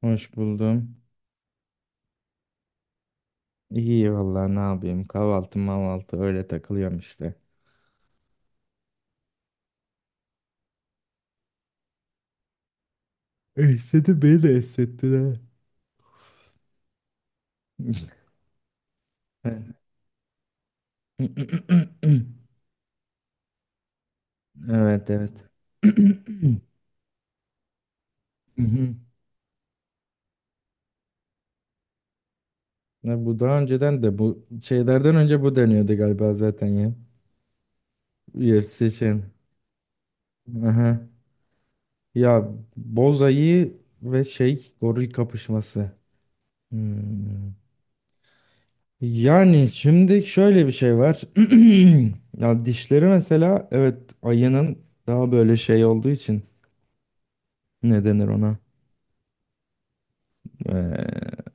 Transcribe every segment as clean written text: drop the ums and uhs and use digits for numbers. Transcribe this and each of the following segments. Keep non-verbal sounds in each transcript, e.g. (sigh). Hoş buldum. İyi vallahi ne yapayım? Kahvaltı mahvaltı öyle takılıyorum işte. Esnedi, beni de esnetti. Ha. (laughs) Evet, evet. (clears throat) Mhm. Ya bu daha önceden de, bu şeylerden önce bu deniyordu galiba zaten ya. UFC için. Aha. Ya, bozayı ve şey goril kapışması. Hmm. Yani şimdi şöyle bir şey var. (clears throat) Ya, dişleri mesela evet, ayının daha böyle şey olduğu için, ne denir ona? Ee,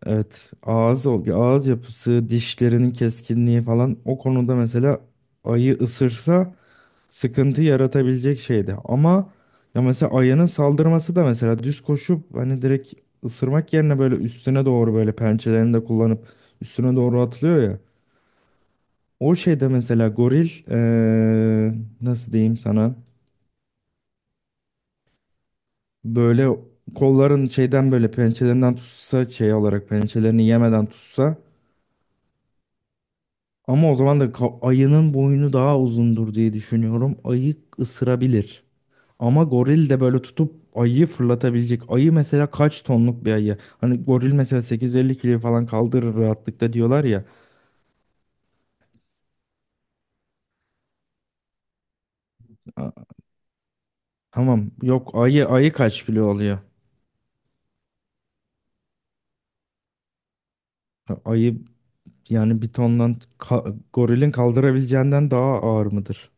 evet, ağız yapısı, dişlerinin keskinliği falan. O konuda mesela ayı ısırsa sıkıntı yaratabilecek şeydi. Ama ya mesela ayının saldırması da, mesela düz koşup hani direkt ısırmak yerine, böyle üstüne doğru böyle pençelerini de kullanıp üstüne doğru atlıyor ya. O şeyde mesela goril nasıl diyeyim sana, böyle kolların şeyden, böyle pençelerinden tutsa, şey olarak pençelerini yemeden tutsa, ama o zaman da ayının boynu daha uzundur diye düşünüyorum. Ayı ısırabilir. Ama goril de böyle tutup ayıyı fırlatabilecek. Ayı mesela kaç tonluk bir ayı? Hani goril mesela 850 kilo falan kaldırır rahatlıkla diyorlar ya. A- Tamam, yok, ayı kaç kilo oluyor? Ha, ayı. Yani bir tondan, gorilin kaldırabileceğinden daha ağır mıdır?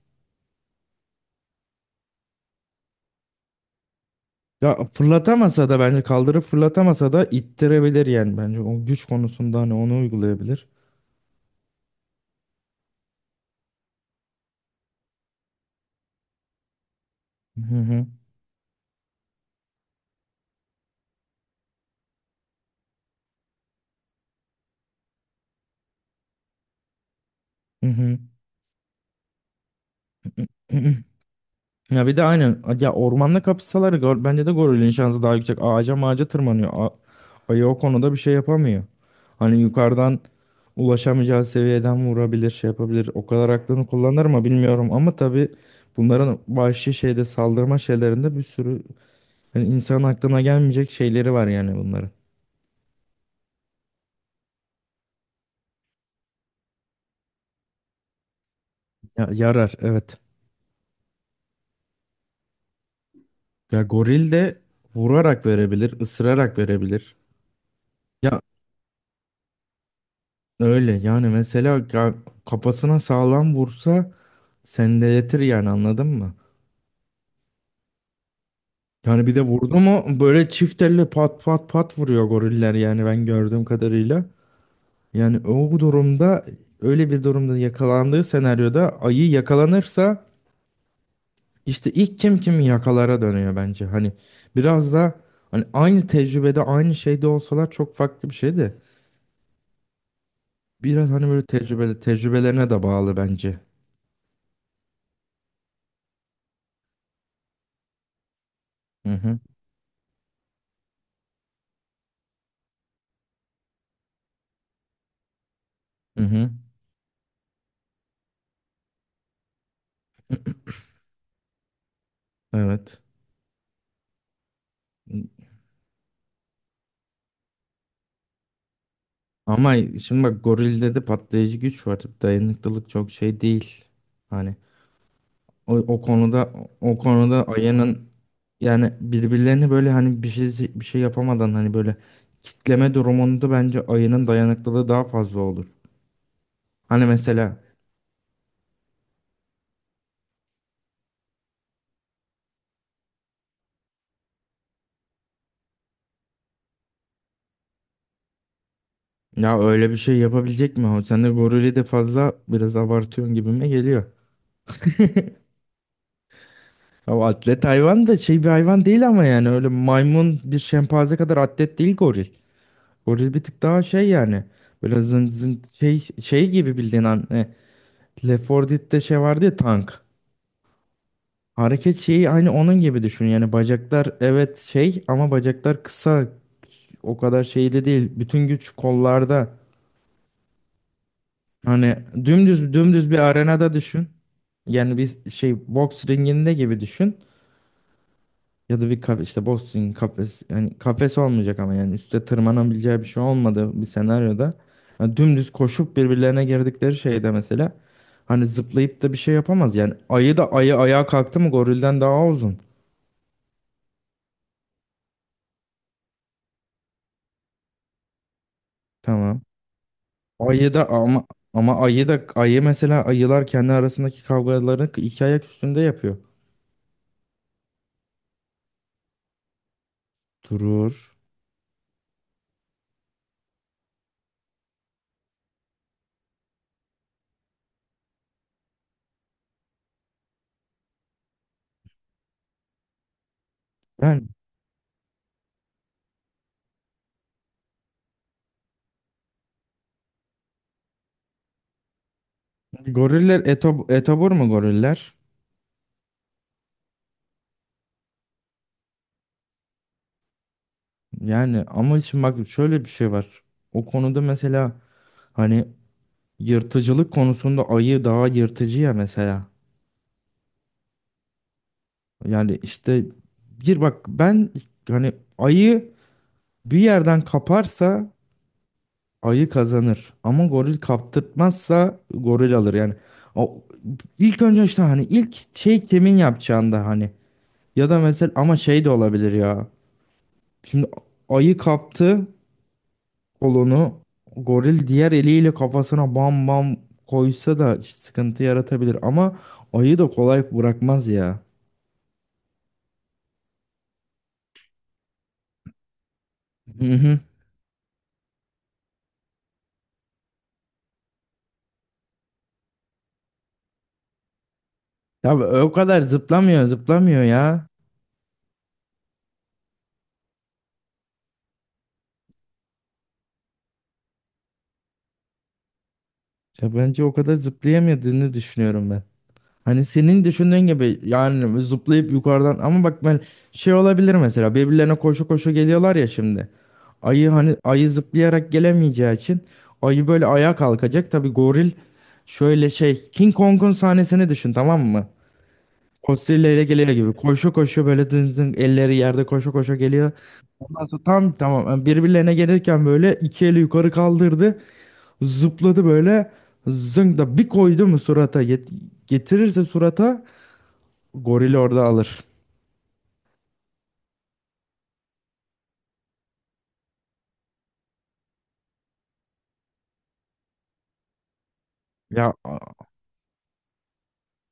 Ya fırlatamasa da, bence kaldırıp fırlatamasa da ittirebilir yani, bence o güç konusunda hani onu uygulayabilir. Hı hı. Hı hı. (clears throat) Ya bir de aynen ya, ormanda kapışsalar bence de gorilin şansı daha yüksek. Ağaca mağaca tırmanıyor. Ayı o konuda bir şey yapamıyor. Hani yukarıdan ulaşamayacağı seviyeden vurabilir, şey yapabilir. O kadar aklını kullanır mı bilmiyorum ama tabii bunların vahşi şeyde saldırma şeylerinde bir sürü, yani insan aklına gelmeyecek şeyleri var yani bunların. Ya, yarar evet. Ya goril de vurarak verebilir, ısırarak verebilir. Ya öyle yani, mesela kafasına sağlam vursa sendeletir yani, anladın mı? Yani bir de vurdu mu böyle çift elle pat pat pat vuruyor goriller yani, ben gördüğüm kadarıyla. Yani o durumda, öyle bir durumda yakalandığı senaryoda ayı yakalanırsa, İşte ilk kim kimi yakalara dönüyor bence. Hani biraz da, hani aynı tecrübede aynı şeyde olsalar çok farklı bir şey de. Biraz hani böyle tecrübeli, tecrübelerine de bağlı bence. Hı hı. Hı hı. Evet. Ama şimdi bak, gorilde de patlayıcı güç var. Dayanıklılık çok şey değil. Hani o, o konuda o konuda ayının, yani birbirlerini böyle, hani bir şey bir şey yapamadan, hani böyle kitleme durumunda bence ayının dayanıklılığı daha fazla olur. Hani mesela. Ya öyle bir şey yapabilecek mi o? Sen de gorili de fazla biraz abartıyorsun gibime geliyor. Ya o atlet hayvan da şey bir hayvan değil ama yani öyle maymun, bir şempanze kadar atlet değil goril. Goril bir tık daha şey yani. Böyle zın zın şey, gibi bildiğin an. Left 4 Dead'de şey vardı ya, tank. Hareket şeyi aynı onun gibi düşün. Yani bacaklar evet şey, ama bacaklar kısa. O kadar şeyde değil. Bütün güç kollarda. Hani dümdüz dümdüz bir arenada düşün. Yani bir şey, boks ringinde gibi düşün. Ya da bir kafe işte boxing kafes, yani kafes olmayacak ama yani üstte tırmanabileceği bir şey olmadığı bir senaryoda, yani dümdüz koşup birbirlerine girdikleri şeyde mesela, hani zıplayıp da bir şey yapamaz yani, ayı da ayı ayağa kalktı mı gorilden daha uzun. Tamam. Ayı da ama, ayı da ayı mesela, ayılar kendi arasındaki kavgalarını iki ayak üstünde yapıyor. Durur. Yani goriller etobur mu goriller? Yani ama için bak, şöyle bir şey var. O konuda mesela, hani yırtıcılık konusunda ayı daha yırtıcı ya mesela. Yani işte, bir bak ben, hani ayı bir yerden kaparsa ayı kazanır. Ama goril kaptırtmazsa goril alır. Yani o, ilk önce işte hani ilk şey kimin yapacağında, hani, ya da mesela, ama şey de olabilir ya. Şimdi ayı kaptı kolunu, goril diğer eliyle kafasına bam bam koysa da sıkıntı yaratabilir, ama ayı da kolay bırakmaz ya. Hı hı. Ya o kadar zıplamıyor, zıplamıyor ya. Ya bence o kadar zıplayamadığını düşünüyorum ben. Hani senin düşündüğün gibi, yani zıplayıp yukarıdan. Ama bak ben, şey olabilir mesela, birbirlerine koşu koşu geliyorlar ya şimdi. Ayı, hani ayı zıplayarak gelemeyeceği için ayı böyle ayağa kalkacak. Tabii goril. Şöyle şey, King Kong'un sahnesini düşün, tamam mı? Godzilla ile geliyor gibi. Koşu koşu böyle dın dın elleri yerde koşu koşu geliyor. Ondan sonra tam, tamam yani, birbirlerine gelirken böyle iki eli yukarı kaldırdı. Zıpladı böyle. Zınk da bir koydu mu surata, getirirse surata, gorili orada alır. Ya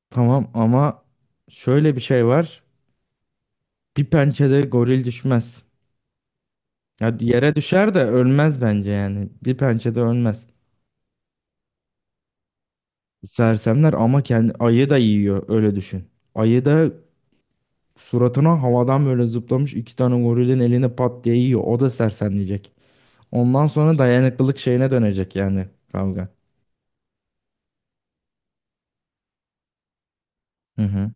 tamam ama şöyle bir şey var. Bir pençede goril düşmez. Ya, yere düşer de ölmez bence yani. Bir pençede ölmez. Sersemler ama kendi ayı da yiyor, öyle düşün. Ayı da suratına havadan böyle zıplamış iki tane gorilin eline pat diye yiyor. O da sersemleyecek. Ondan sonra dayanıklılık şeyine dönecek yani kavga. Hı hı.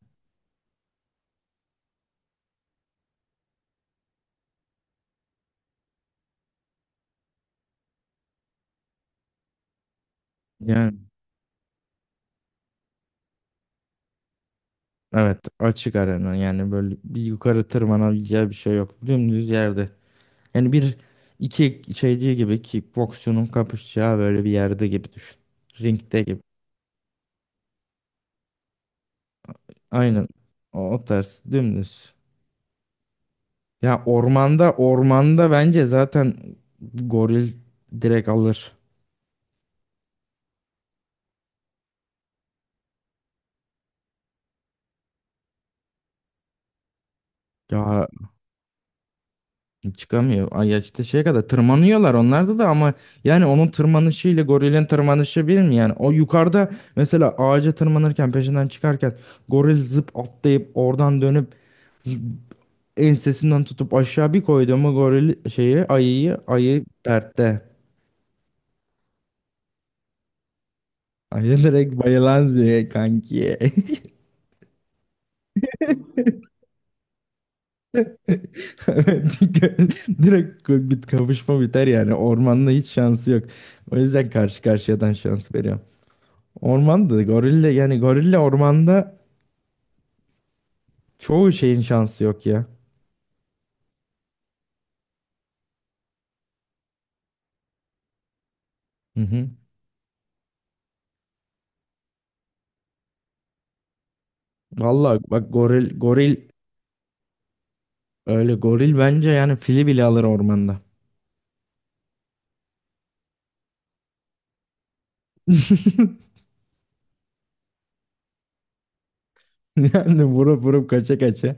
Yani evet, açık arena yani böyle bir yukarı tırmanabileceği bir şey yok. Dümdüz yerde. Yani bir iki şeyci gibi, kickboksçunun kapışacağı böyle bir yerde gibi düşün. Ringde gibi. Aynen, o tarz dümdüz. Ya ormanda, ormanda bence zaten goril direkt alır. Ya. Çıkamıyor. Ay ya işte şeye kadar tırmanıyorlar onlarda da, ama yani onun tırmanışı ile gorilin tırmanışı bir mi yani? O yukarıda mesela ağaca tırmanırken peşinden çıkarken, goril zıp atlayıp oradan dönüp ensesinden tutup aşağı bir koydu mu, goril şeyi ayıyı, ayı dertte. Ayı direkt bayılan züğe kanki. (laughs) Çünkü direkt bit kavuşma biter yani. Ormanda hiç şansı yok. O yüzden karşı karşıyadan şans veriyorum. Ormanda gorille, yani gorille ormanda, çoğu şeyin şansı yok ya. Hı hı. Vallahi bak, goril öyle, goril bence yani fili bile alır ormanda. (laughs) Yani vurup vurup kaça kaça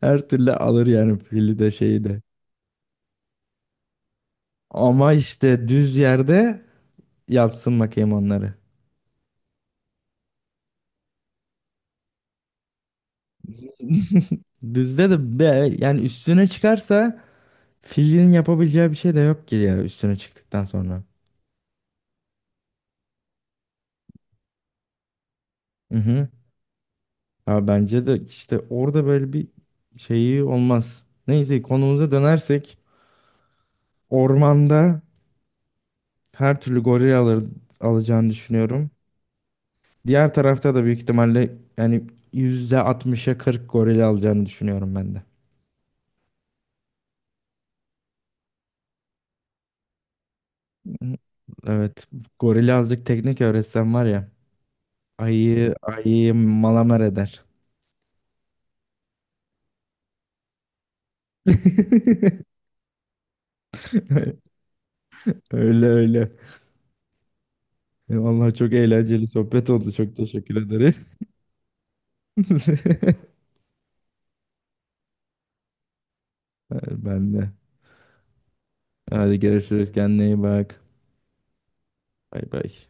her türlü alır yani, fili de şeyi de. Ama işte düz yerde yapsın bakayım onları. (laughs) Düzde de be, yani üstüne çıkarsa filin yapabileceği bir şey de yok ki ya, üstüne çıktıktan sonra. Hı hı. Ha, bence de işte orada böyle bir şeyi olmaz. Neyse, konumuza dönersek, ormanda her türlü goril alır, alacağını düşünüyorum. Diğer tarafta da büyük ihtimalle yani %60'a 40 goril alacağını düşünüyorum ben de. Evet. Gorili azıcık teknik öğretsem var ya, ayı ayıyı malamer eder. (laughs) Öyle öyle. Vallahi çok eğlenceli sohbet oldu. Çok teşekkür ederim. (laughs) Ben de. Hadi görüşürüz. Kendine iyi bak. Bay bay.